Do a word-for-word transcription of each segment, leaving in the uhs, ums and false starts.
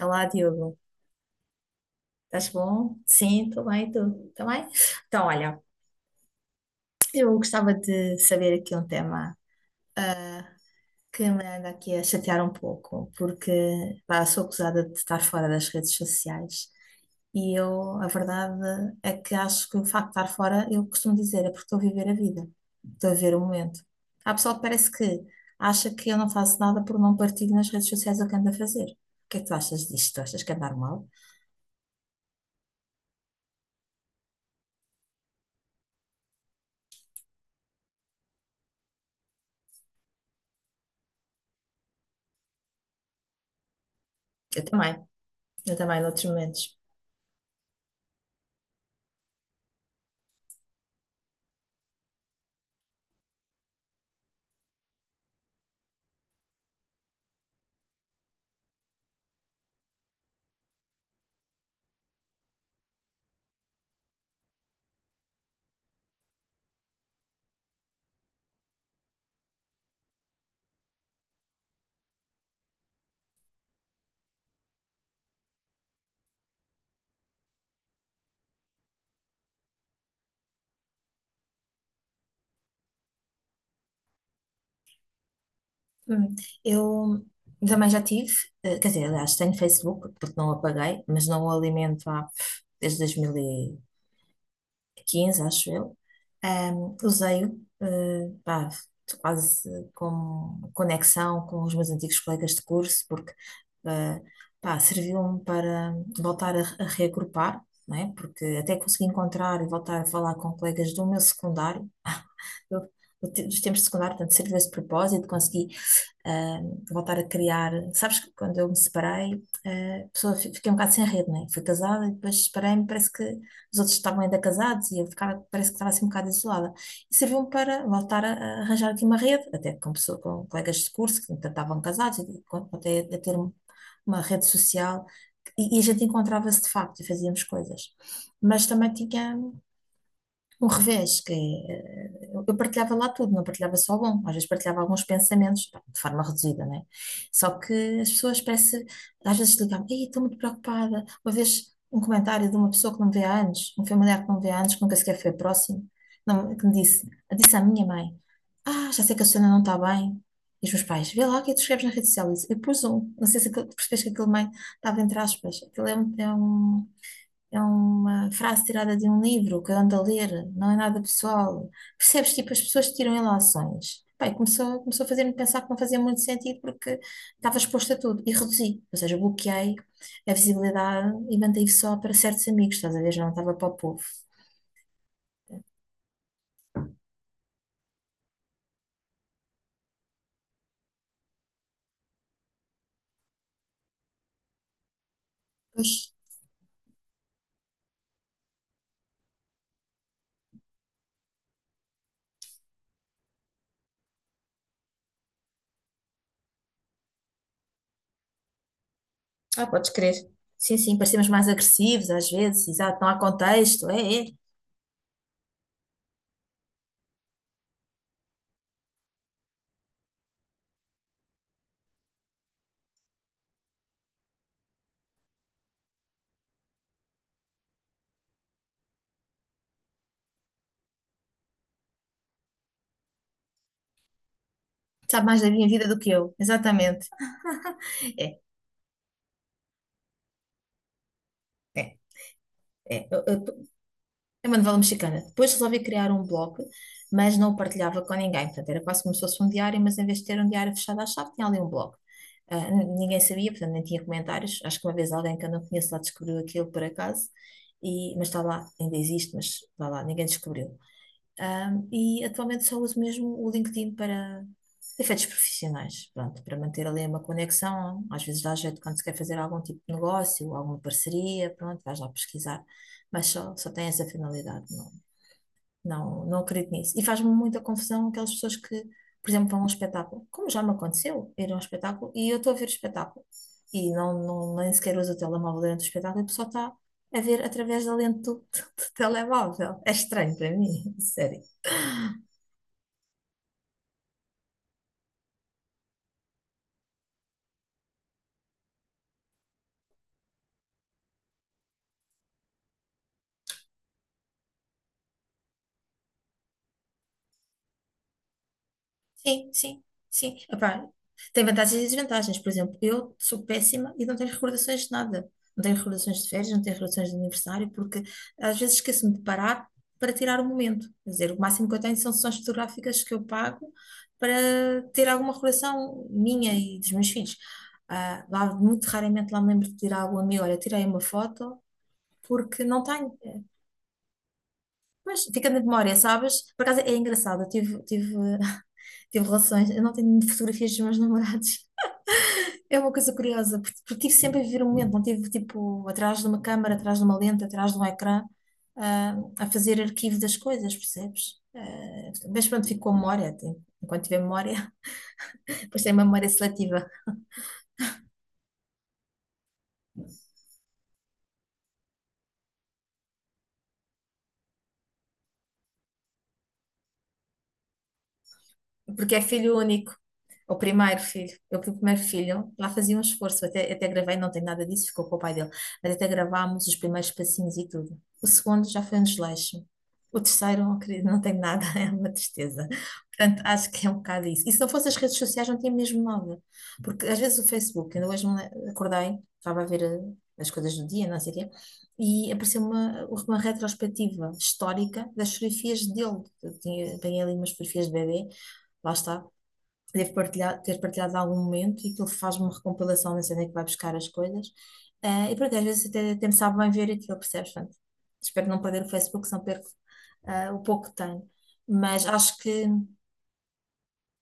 Olá, Diogo. Estás bom? Sim, estou bem, tu também? Então, olha, eu gostava de saber aqui um tema ah, que me anda aqui a chatear um pouco, porque pá, sou acusada de estar fora das redes sociais e eu, a verdade é que acho que o facto de estar fora, eu costumo dizer, é porque estou a viver a vida, estou a viver o momento. Há pessoal que parece que acha que eu não faço nada por não partilho nas redes sociais o que ando a fazer. O que é que tu achas disto? Tu achas que é normal? Eu também, eu também, noutros momentos. Hum, Eu também já tive, eh, quer dizer, aliás, tenho Facebook, porque não o apaguei, mas não o alimento há, pff, desde dois mil e quinze, acho eu. Ahm, usei-o, eh, pá, quase como conexão com os meus antigos colegas de curso, porque eh, pá, serviu-me para voltar a, a reagrupar, não é? Porque até consegui encontrar e voltar a falar com colegas do meu secundário, eu, dos tempos de secundário, portanto, serviu esse propósito, consegui ah, voltar a criar. Sabes que quando eu me separei, ah, a pessoa, fiquei um bocado sem rede, né? Fui casada e depois separei-me, parece que os outros estavam ainda casados e eu ficava, parece que estava assim um bocado isolada. E serviu-me para voltar a, a arranjar aqui uma rede, até com, pessoa, com colegas de curso que ainda estavam casados, e até a ter um, uma rede social. E a gente encontrava-se de facto e fazíamos coisas. Mas também tinha um revés, que é, eh, eu partilhava lá tudo, não partilhava só o bom, às vezes partilhava alguns pensamentos, pá, de forma reduzida, né? Só que as pessoas parece, às vezes ligavam, ei, estou muito preocupada. Uma vez um comentário de uma pessoa que não me vê há anos, um familiar que não me vê há anos, que nunca sequer foi próximo, não- que me disse, "Ah, disse à minha mãe, ah, já sei que a Susana não está bem. E os meus pais, vê lá o que é que tu escreves na rede social." E eu pus um, não sei se aquilo- percebes que aquele mãe estava entre aspas, aquilo é um, é um é uma frase tirada de um livro que eu ando a ler, não é nada pessoal. Percebes? Tipo, as pessoas tiram ilações. Pai, começou, começou a fazer-me pensar que não fazia muito sentido porque estava exposta a tudo e reduzi, ou seja, bloqueei a visibilidade e mantei só para certos amigos, estás a ver? Já não estava para o povo. Pois. Ah, podes crer. Sim, sim, parecemos mais agressivos às vezes, exato, não há contexto, é, é. Sabe mais da minha vida do que eu, exatamente. É, é, é. Eu, eu, É uma novela mexicana. Depois resolvi criar um blog, mas não o partilhava com ninguém. Portanto, era quase como se fosse um diário, mas em vez de ter um diário fechado à chave, tinha ali um blog. Ah, n- ninguém sabia, portanto, nem tinha comentários. Acho que uma vez alguém que eu não conheço lá descobriu aquilo por acaso, e, mas está lá, ainda existe, mas está lá, ninguém descobriu. Um, e atualmente só uso mesmo o LinkedIn para efeitos profissionais, pronto, para manter ali uma conexão. Às vezes dá jeito quando se quer fazer algum tipo de negócio, alguma parceria, pronto, vais lá pesquisar, mas só, só tem essa finalidade, não, não, não acredito nisso. E faz-me muita confusão aquelas pessoas que, por exemplo, vão a um espetáculo, como já me aconteceu, ir a um espetáculo e eu estou a ver o espetáculo e não, não, nem sequer uso o telemóvel durante o espetáculo e a pessoa está. A ver através da lente do, do telemóvel. É estranho para mim, sério. Sim, sim, sim. Epá, tem vantagens e desvantagens. Por exemplo, eu sou péssima e não tenho recordações de nada. Não tenho recordações de férias, não tenho recordações de aniversário, porque às vezes esqueço-me de parar para tirar o momento. Quer dizer, o máximo que eu tenho são sessões fotográficas que eu pago para ter alguma recordação minha e dos meus filhos. Ah, lá, muito raramente lá me lembro de tirar algum amigo. Olha, tirei uma foto porque não tenho. Mas fica na memória, sabes? Por acaso é engraçado. Eu tive, tive Tive relações, eu não tenho fotografias dos meus namorados. É uma coisa curiosa, porque, porque tive sempre a viver um momento, não tive tipo atrás de uma câmara, atrás de uma lente, atrás de um ecrã, ah, a fazer arquivo das coisas, percebes? Ah, mas pronto, fico com a memória, tem- enquanto tiver memória, depois tem uma memória seletiva. Porque é filho único, é o primeiro filho. Eu fui o primeiro filho, lá fazia um esforço, até, até gravei, não tem nada disso, ficou com o pai dele, mas até gravámos os primeiros passinhos e tudo. O segundo já foi um desleixo. O terceiro, oh, querido, não tem nada, é uma tristeza. Portanto, acho que é um bocado isso. E se não fossem as redes sociais, não tinha mesmo nada. Porque às vezes o Facebook, ainda hoje me le- acordei, estava a ver eh, as coisas do dia, não sei o quê, e apareceu uma, uma retrospectiva histórica das fotografias dele. Eu tinha, apanhei ali umas fotografias de bebê, lá está, devo partilhar, ter partilhado algum momento e que ele faz uma recompilação da cena que vai buscar as coisas. Eh, e porque às vezes até, até me sabe bem ver aquilo, percebes? Portanto, espero não perder o Facebook, senão perco ah, o pouco que tenho. Mas acho que,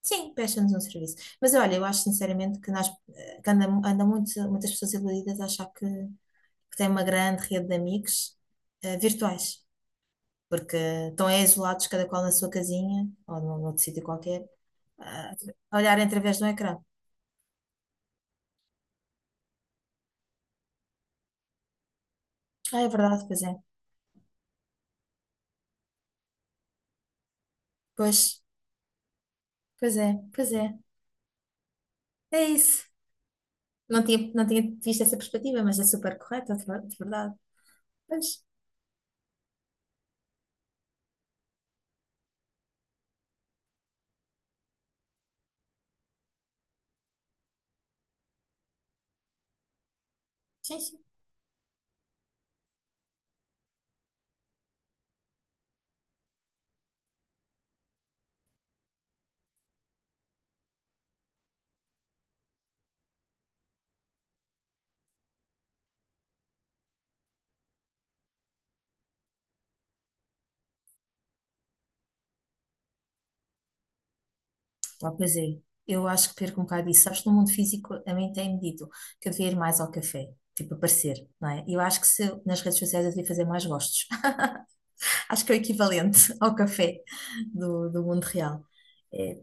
sim, presta-nos um serviço. Mas olha, eu acho sinceramente que, nós, eh, que anda anda muito, muitas pessoas iludidas a achar que, que têm uma grande rede de amigos eh, virtuais, porque estão é isolados, cada qual na sua casinha ou num outro sítio qualquer, ah, a olhar através de um ecrã. Ah, é verdade, pois é. Pois, pois é, pois é. É isso. Não tinha, não tinha visto essa perspectiva, mas é super correta, de ver- de verdade. Pois, sim, sim. Ah, pois é. Eu acho que perco um bocado isso. Sabes, no mundo físico, a mim tem-me dito que eu devia ir mais ao café, tipo, aparecer, não é? Eu acho que se eu- nas redes sociais eu devia fazer mais gostos. Acho que é o equivalente ao café do, do mundo real. É,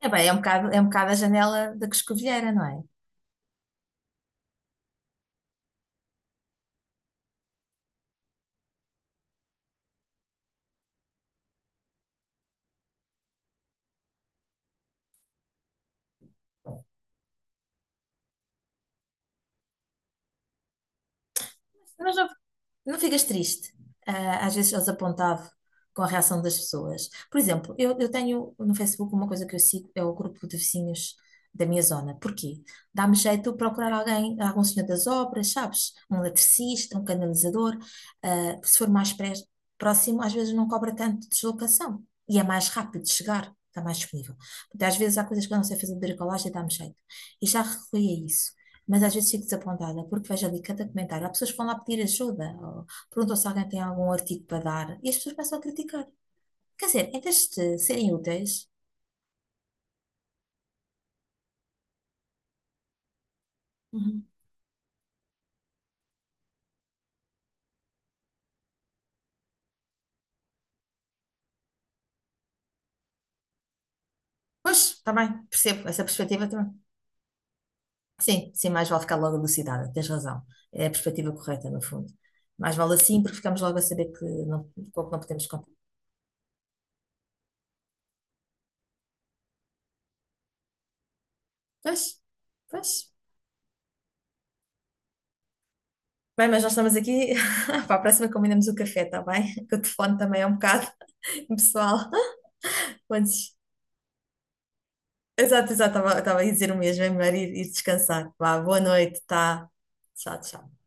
é bem, é um bocado, é um bocado a janela da Coscovilheira, não é? Mas não Não ficas triste. Ah, às vezes eu desapontado com a reação das pessoas. Por exemplo, eu, eu tenho no Facebook uma coisa que eu sigo, é o grupo de vizinhos da minha zona. Porquê? Dá-me jeito de procurar alguém, algum senhor das obras, sabes? Um eletricista, um canalizador. Ah, se for mais pré- próximo, às vezes não cobra tanto de deslocação e é mais rápido de chegar. Está mais disponível. Porque às vezes há coisas que eu não sei fazer de bricolagem e dá-me jeito. E já recorri a isso. Mas às vezes fico desapontada, porque vejo ali cada comentário. Há pessoas que vão lá pedir ajuda, ou perguntam se alguém tem algum artigo para dar, e as pessoas começam a criticar. Quer dizer, em vez de serem úteis, uhum. Pois, está bem, percebo essa perspectiva também. Sim, sim, mais vale ficar logo elucidada, tens razão. É a perspectiva correta, no fundo. Mais vale assim, porque ficamos logo a saber que não, com o que não podemos contar. Pois, pois. Bem, mas nós estamos aqui. Para a próxima combinamos o café, está bem? Que o telefone também é um bocado pessoal. Antes. Exato, exato, estava a dizer o mesmo, é melhor ir, ir descansar. Vá, boa noite, tá? Tchau, tchau.